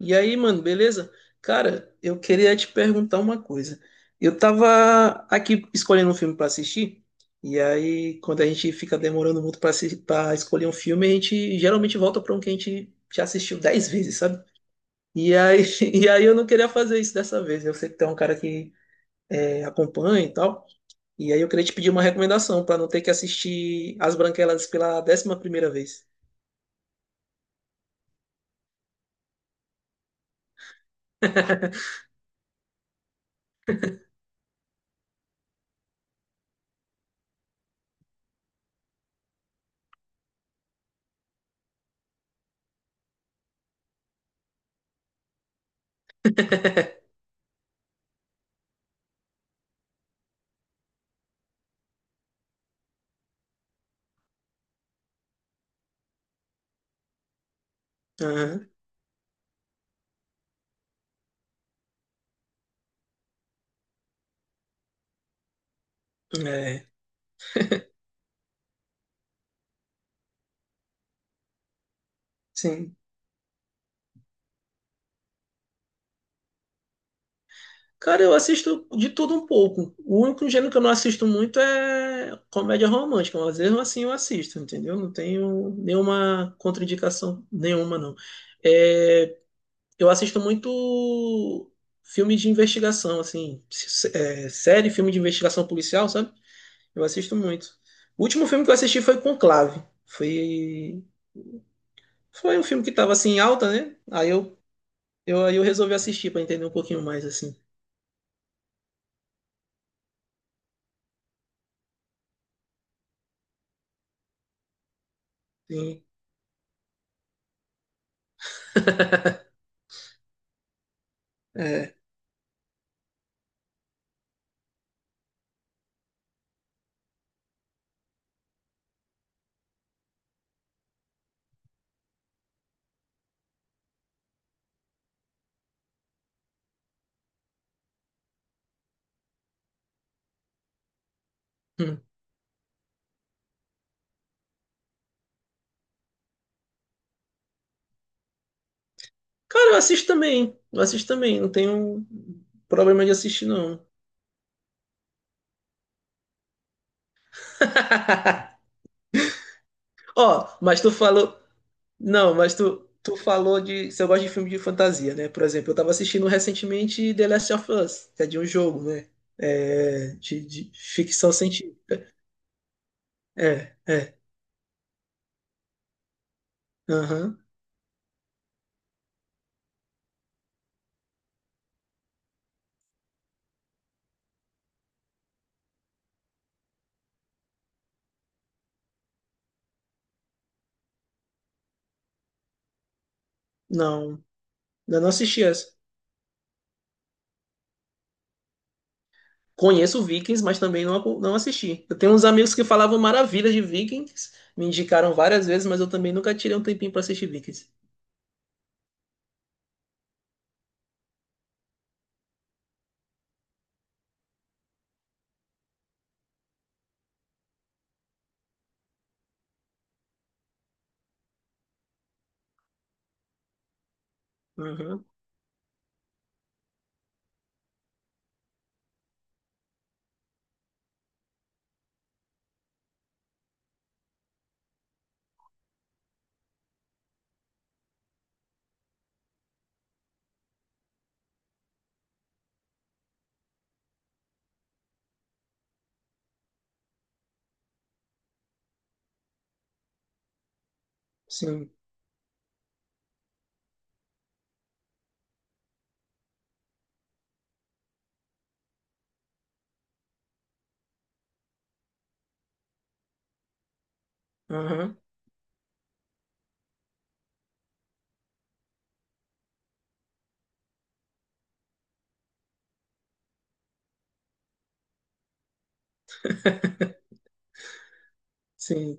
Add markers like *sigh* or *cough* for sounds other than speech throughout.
E aí, mano, beleza? Cara, eu queria te perguntar uma coisa. Eu tava aqui escolhendo um filme pra assistir, e aí quando a gente fica demorando muito pra pra escolher um filme, a gente geralmente volta pra um que a gente já assistiu 10 vezes, sabe? E aí, *laughs* e aí eu não queria fazer isso dessa vez. Eu sei que tem um cara que é, acompanha e tal, e aí eu queria te pedir uma recomendação pra não ter que assistir As Branquelas pela 11ª vez. *laughs* Aham, é, sim. Cara, eu assisto de tudo um pouco. O único gênero que eu não assisto muito é comédia romântica, mas mesmo assim eu assisto, entendeu? Não tenho nenhuma contraindicação nenhuma, não. É, eu assisto muito filme de investigação, assim, série, filme de investigação policial, sabe? Eu assisto muito. O último filme que eu assisti foi Conclave. Foi, foi um filme que tava assim em alta, né? Aí eu resolvi assistir pra entender um pouquinho mais, assim. Sim, é. Hum. Cara, eu assisto também. Eu assisto também. Não tenho problema de assistir, não. *laughs* Ó, mas tu falou. Não, mas tu falou de. Se eu gosto de filme de fantasia, né? Por exemplo, eu tava assistindo recentemente The Last of Us, que é de um jogo, né? É, de ficção científica. É, é. Aham. Não, ainda não assisti essa. Conheço Vikings, mas também não, não assisti. Eu tenho uns amigos que falavam maravilhas de Vikings, me indicaram várias vezes, mas eu também nunca tirei um tempinho pra assistir Vikings. Sim. Aham. Sim.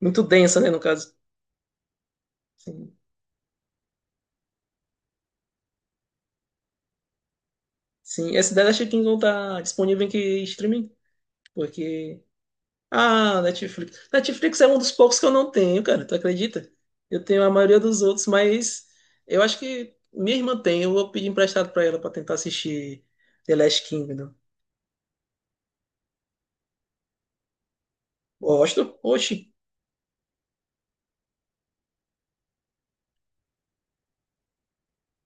Muito densa, né, no caso. Sim. Sim. Essa da Last Kingdom tá disponível em que streaming? Porque. Ah, Netflix. Netflix é um dos poucos que eu não tenho, cara. Tu acredita? Eu tenho a maioria dos outros, mas eu acho que minha irmã tem. Eu vou pedir emprestado pra ela pra tentar assistir The Last Kingdom. Gosto? Oxi.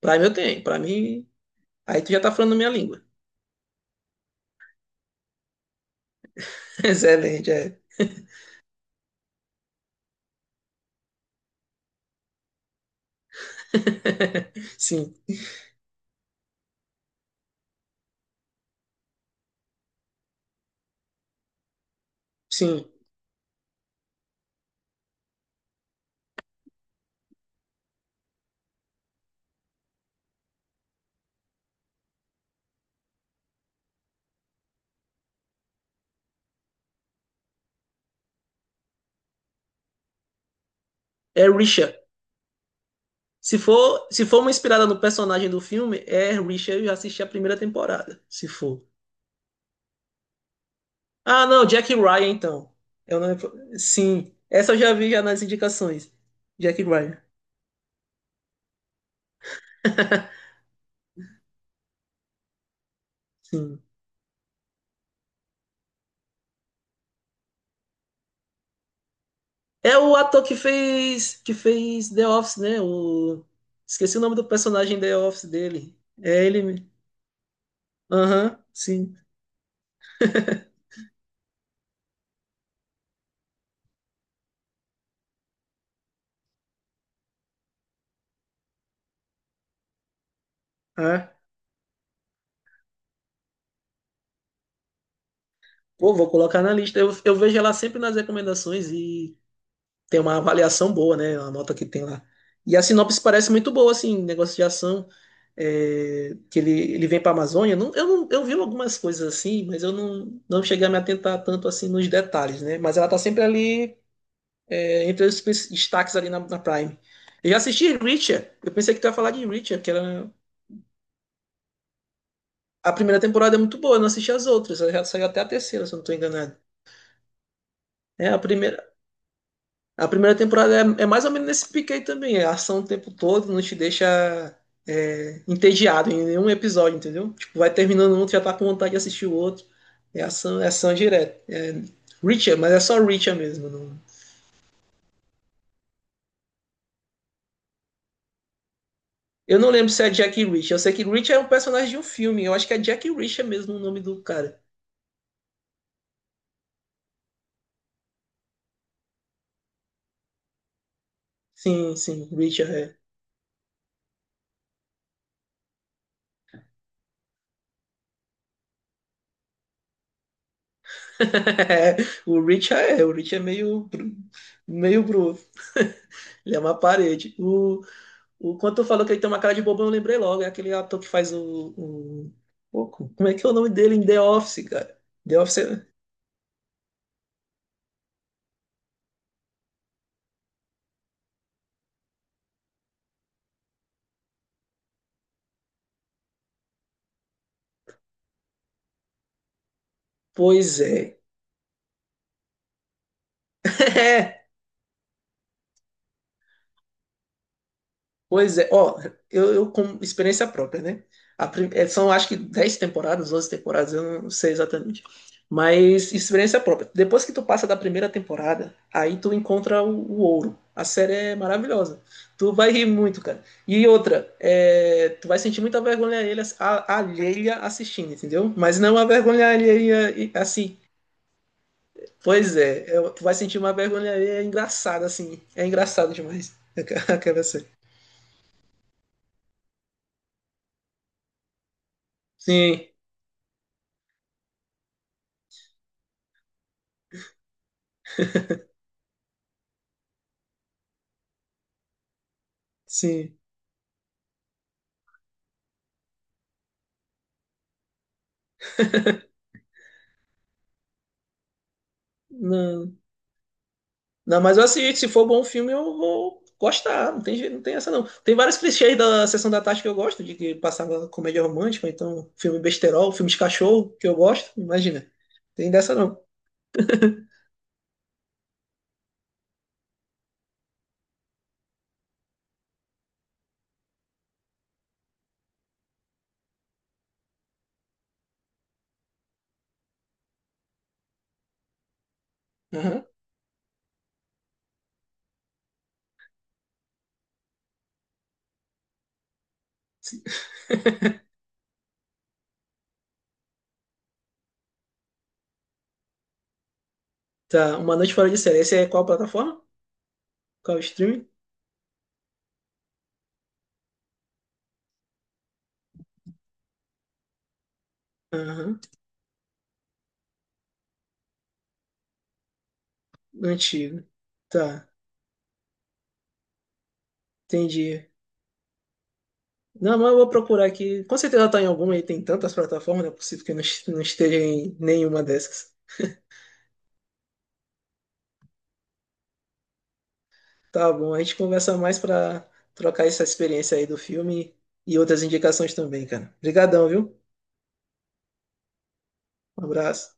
Pra mim eu tenho. Pra mim. Aí tu já tá falando minha língua. *laughs* Excelente, é. *laughs* Sim. Sim. É Richard. Se for uma inspirada no personagem do filme, é Richard, eu já assisti a primeira temporada, se for. Ah, não, Jack Ryan, então. Eu não... Sim, essa eu já vi já nas indicações. Jack Ryan, *laughs* sim. É o ator que fez The Office, né? O... Esqueci o nome do personagem The Office dele. É ele mesmo. Aham, sim. Ah, pô, vou colocar na lista. Eu vejo ela sempre nas recomendações e tem uma avaliação boa, né? A nota que tem lá. E a sinopse parece muito boa, assim, negócio de ação, que ele vem para a Amazônia. Não, eu, não, eu vi algumas coisas assim, mas eu não, não cheguei a me atentar tanto assim nos detalhes, né? Mas ela tá sempre ali, entre os destaques ali na Prime. Eu já assisti Richard, eu pensei que tu ia falar de Richard, que era... A primeira temporada é muito boa, eu não assisti as outras, ela já saiu até a terceira, se eu não tô enganado. É, A primeira temporada é mais ou menos nesse pique aí também. É ação o tempo todo, não te deixa entediado em nenhum episódio, entendeu? Tipo, vai terminando um, tu já tá com vontade de assistir o outro. É ação direta. É Reacher, mas é só Reacher mesmo. Eu não lembro se é Jack Reacher. Eu sei que Reacher é um personagem de um filme. Eu acho que é Jack Reacher mesmo o nome do cara. Sim, sim, Reacher é. *laughs* O Reacher é meio bruto. *laughs* Ele é uma parede. Quando tu falou que ele tem uma cara de bobão, eu lembrei logo. É aquele ator que faz Como é que é o nome dele em The Office, cara? The Office. Pois é. *laughs* Pois é, ó, eu com experiência própria, né? São acho que 10 temporadas, 11 temporadas, eu não sei exatamente. Mas experiência própria. Depois que tu passa da primeira temporada, aí tu encontra o ouro. A série é maravilhosa. Tu vai rir muito, cara. E outra, tu vai sentir muita vergonha alheia, alheia assistindo, entendeu? Mas não a vergonha alheia assim. Pois é, tu vai sentir uma vergonha alheia engraçada, assim. É engraçada demais. *laughs* Aquela série. Sim, sim. Não. Não, mas eu assisto. Se for bom filme, eu vou gostar. Não tem essa, não. Tem vários clichês da Sessão da Tarde que eu gosto, de que passava comédia romântica, ou então filme besterol, filme de cachorro, que eu gosto. Imagina. Tem dessa, não. Aham. Tá, Uma Noite Fora de Série. Esse é qual plataforma? Qual streaming? Aham. Antigo. Tá, entendi. Não, mas eu vou procurar aqui. Com certeza tá em alguma aí. Tem tantas plataformas, não é possível que não esteja em nenhuma dessas. Tá bom, a gente conversa mais pra trocar essa experiência aí do filme e outras indicações também, cara. Obrigadão, viu? Um abraço.